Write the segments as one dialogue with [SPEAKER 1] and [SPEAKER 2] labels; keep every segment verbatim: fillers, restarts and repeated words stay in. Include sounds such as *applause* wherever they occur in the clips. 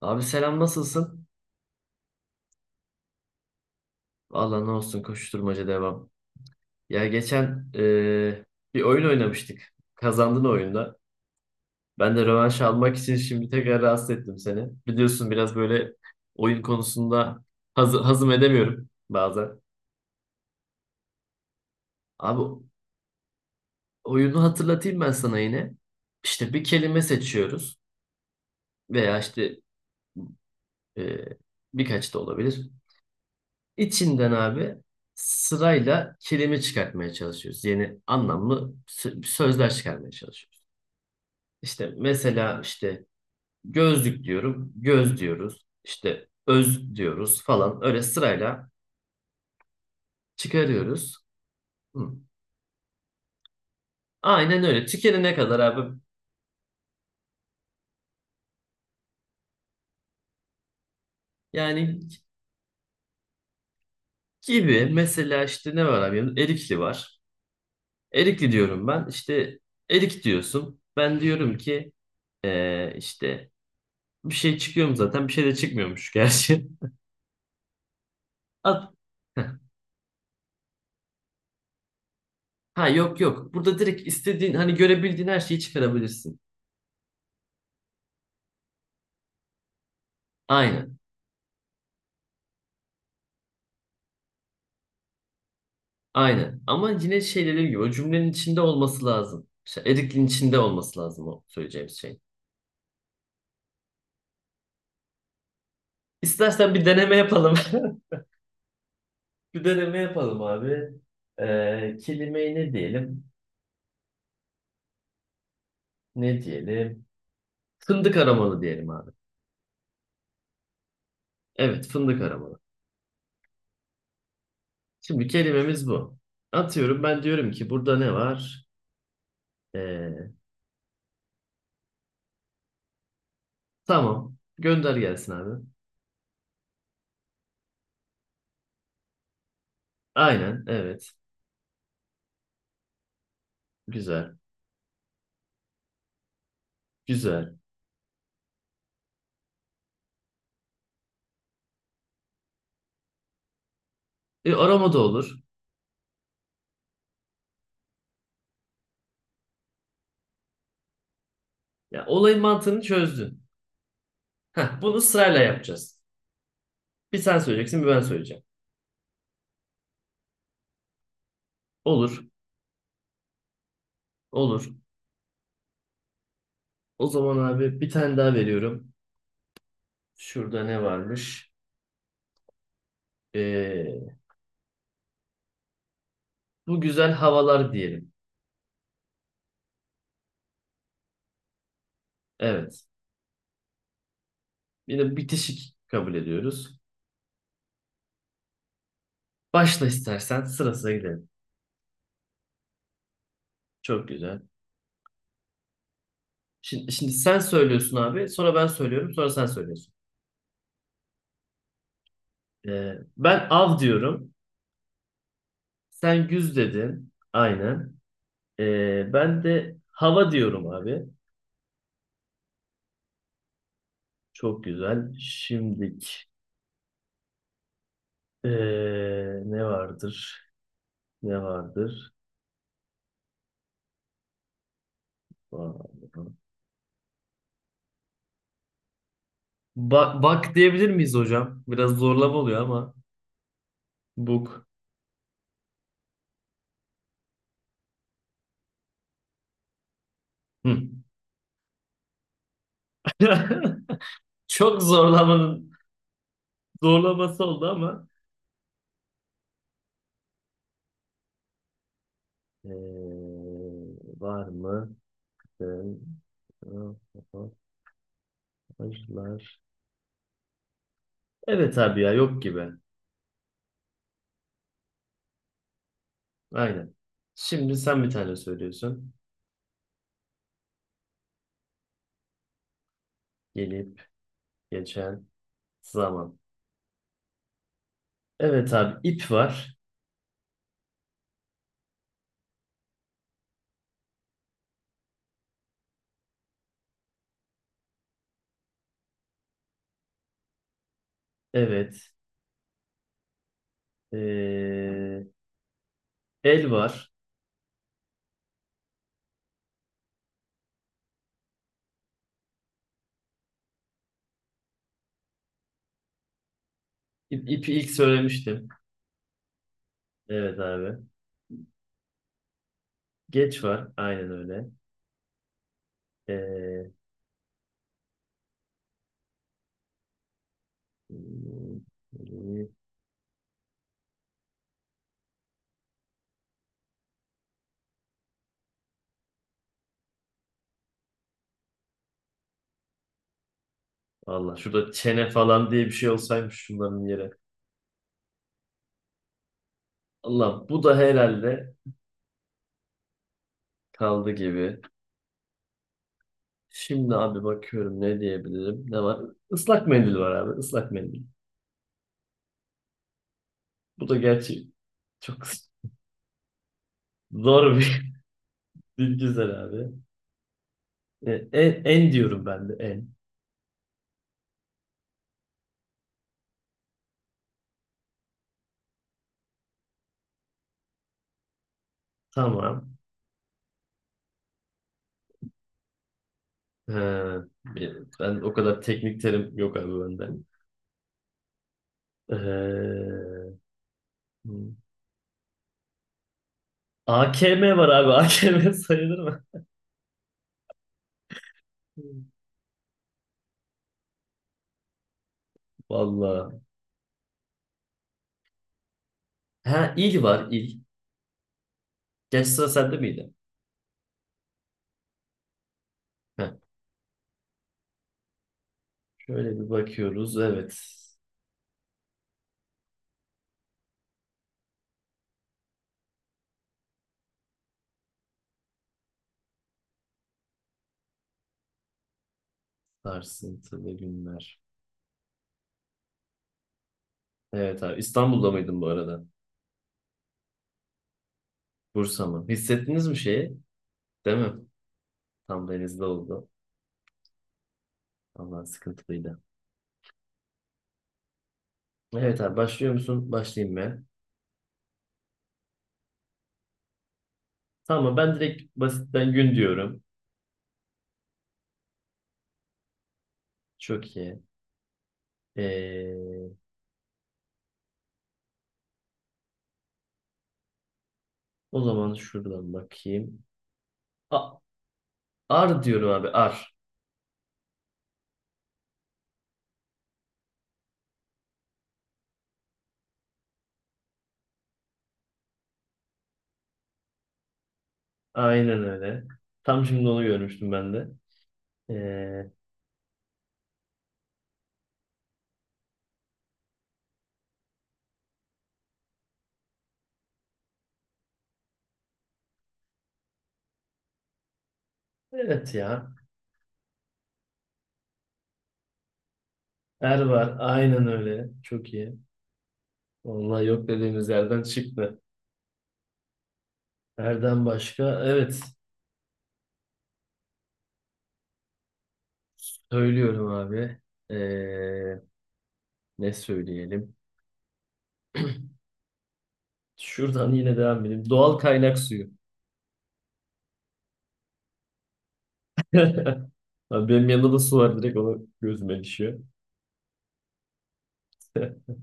[SPEAKER 1] Abi selam nasılsın? Valla ne olsun koşturmaca devam. Ya geçen eee, bir oyun oynamıştık. Kazandın oyunda. Ben de rövanş almak için şimdi tekrar rahatsız ettim seni. Biliyorsun biraz böyle oyun konusunda haz hazım edemiyorum bazen. Abi oyunu hatırlatayım ben sana yine. İşte bir kelime seçiyoruz veya işte eee, birkaç da olabilir. İçinden abi sırayla kelime çıkartmaya çalışıyoruz. Yeni anlamlı sö- sözler çıkarmaya çalışıyoruz. İşte mesela işte gözlük diyorum, göz diyoruz. İşte öz diyoruz falan. Öyle sırayla çıkarıyoruz. Hı. Aynen öyle. Tükenene kadar abi. Yani gibi mesela işte ne var abi? Erikli var. Erikli diyorum ben. İşte erik diyorsun. Ben diyorum ki eee, işte bir şey çıkıyor mu zaten? Bir şey de çıkmıyormuş gerçi. *laughs* At. Heh. Ha yok yok. Burada direkt istediğin hani görebildiğin her şeyi çıkarabilirsin. Aynen. Aynen. Ama yine şey dediğim gibi o cümlenin içinde olması lazım. Şey, Erik'in içinde olması lazım o söyleyeceğimiz şey. İstersen bir deneme yapalım. *laughs* Bir deneme yapalım abi. Ee, kelimeyi ne diyelim? Ne diyelim? Fındık aramalı diyelim abi. Evet, fındık aramalı. Şimdi kelimemiz bu. Atıyorum ben diyorum ki burada ne var? Ee, tamam. Gönder gelsin abi. Aynen, evet. Güzel. Güzel. E, arama da olur. Ya, olayın mantığını çözdün. Heh, bunu sırayla yapacağız. Bir sen söyleyeceksin, bir ben söyleyeceğim. Olur. Olur. O zaman abi bir tane daha veriyorum. Şurada ne varmış? E, bu güzel havalar diyelim. Evet. Yine bitişik kabul ediyoruz. Başla istersen sırasına gidelim. Çok güzel. Şimdi, şimdi sen söylüyorsun abi. Sonra ben söylüyorum. Sonra sen söylüyorsun. E, ben av diyorum. Sen güz dedin. Aynen. Ee, ben de hava diyorum abi. Çok güzel. Şimdilik ee, ne vardır? Ne vardır? Bak, bak diyebilir miyiz hocam? Biraz zorlama oluyor ama. Buk. Hı. *laughs* Çok zorlamanın zorlaması oldu ama. Ee, var mı? Mesajlar. Evet abi ya yok gibi. Aynen. Şimdi sen bir tane söylüyorsun. Gelip geçen zaman. Evet abi ip var. Evet. Ee, el var. İp, ipi ilk söylemiştim. Evet abi. Geç var. Aynen öyle. Ee, hmm, Allah şurada çene falan diye bir şey olsaymış şunların yere. Allah bu da herhalde kaldı gibi. Şimdi abi bakıyorum ne diyebilirim. Ne var? Islak mendil var abi. Islak mendil. Bu da gerçi çok *laughs* zor bir *laughs* bir güzel abi. Ee, en, en diyorum ben de en. Tamam. He, ben o kadar teknik terim yok abi bende. Ee, A K M var abi. *laughs* A K M sayılır mı? Vallahi. Ha il var il. Geç sıra sende miydi? Heh, şöyle bir bakıyoruz. Evet. Sarsıntılı günler. Evet abi. İstanbul'da mıydın bu arada? Bursa mı? Hissettiniz mi şeyi? Değil mi? Tam denizde oldu. Vallahi sıkıntılıydı. Evet abi başlıyor musun? Başlayayım ben. Tamam ben direkt basitten gün diyorum. Çok iyi. Ee, o zaman şuradan bakayım. A- ar diyorum abi ar. Aynen öyle. Tam şimdi onu görmüştüm ben de. Ee, evet ya. Er var. Aynen öyle. Çok iyi. Vallahi yok dediğimiz yerden çıktı. Erden başka. Evet. Söylüyorum abi. Ee, ne söyleyelim? Şuradan yine devam edelim. Doğal kaynak suyu. *laughs* Abi benim yanımda da su var. Direkt ona gözüme düşüyor. *laughs*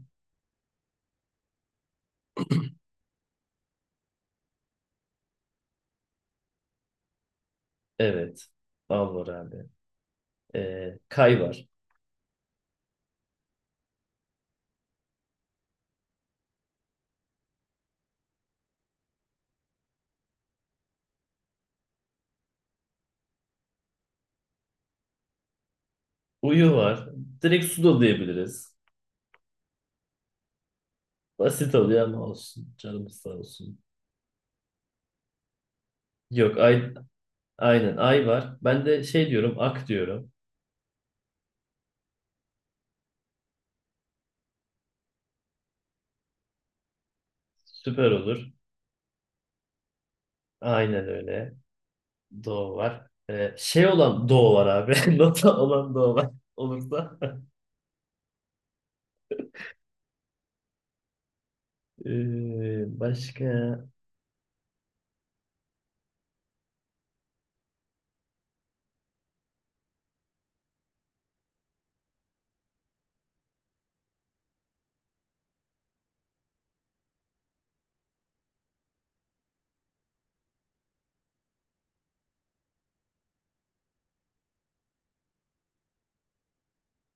[SPEAKER 1] Evet. Al var abi. Ee, kay var. Uyu var. Direkt su da diyebiliriz. Basit oluyor ama olsun. Canımız sağ olsun. Yok ay, aynen ay var. Ben de şey diyorum ak diyorum. Süper olur. Aynen öyle. Doğu var. Ee, şey olan doğu var abi. *laughs* Nota olan doğu var. Olursa. *laughs* Ee, başka.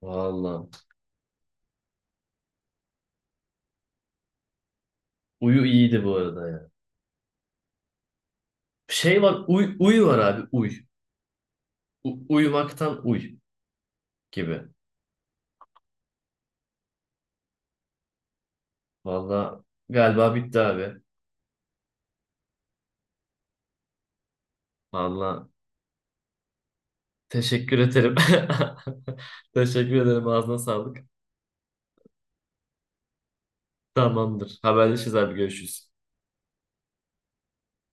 [SPEAKER 1] Vallahi. Uyu iyiydi bu arada ya. Şey var. Uy, uyu var abi. Uy. U- uyumaktan uy gibi. Vallahi galiba bitti abi. Vallahi teşekkür ederim. *laughs* Teşekkür ederim. Ağzına sağlık. Tamamdır. Haberleşiriz abi. Görüşürüz.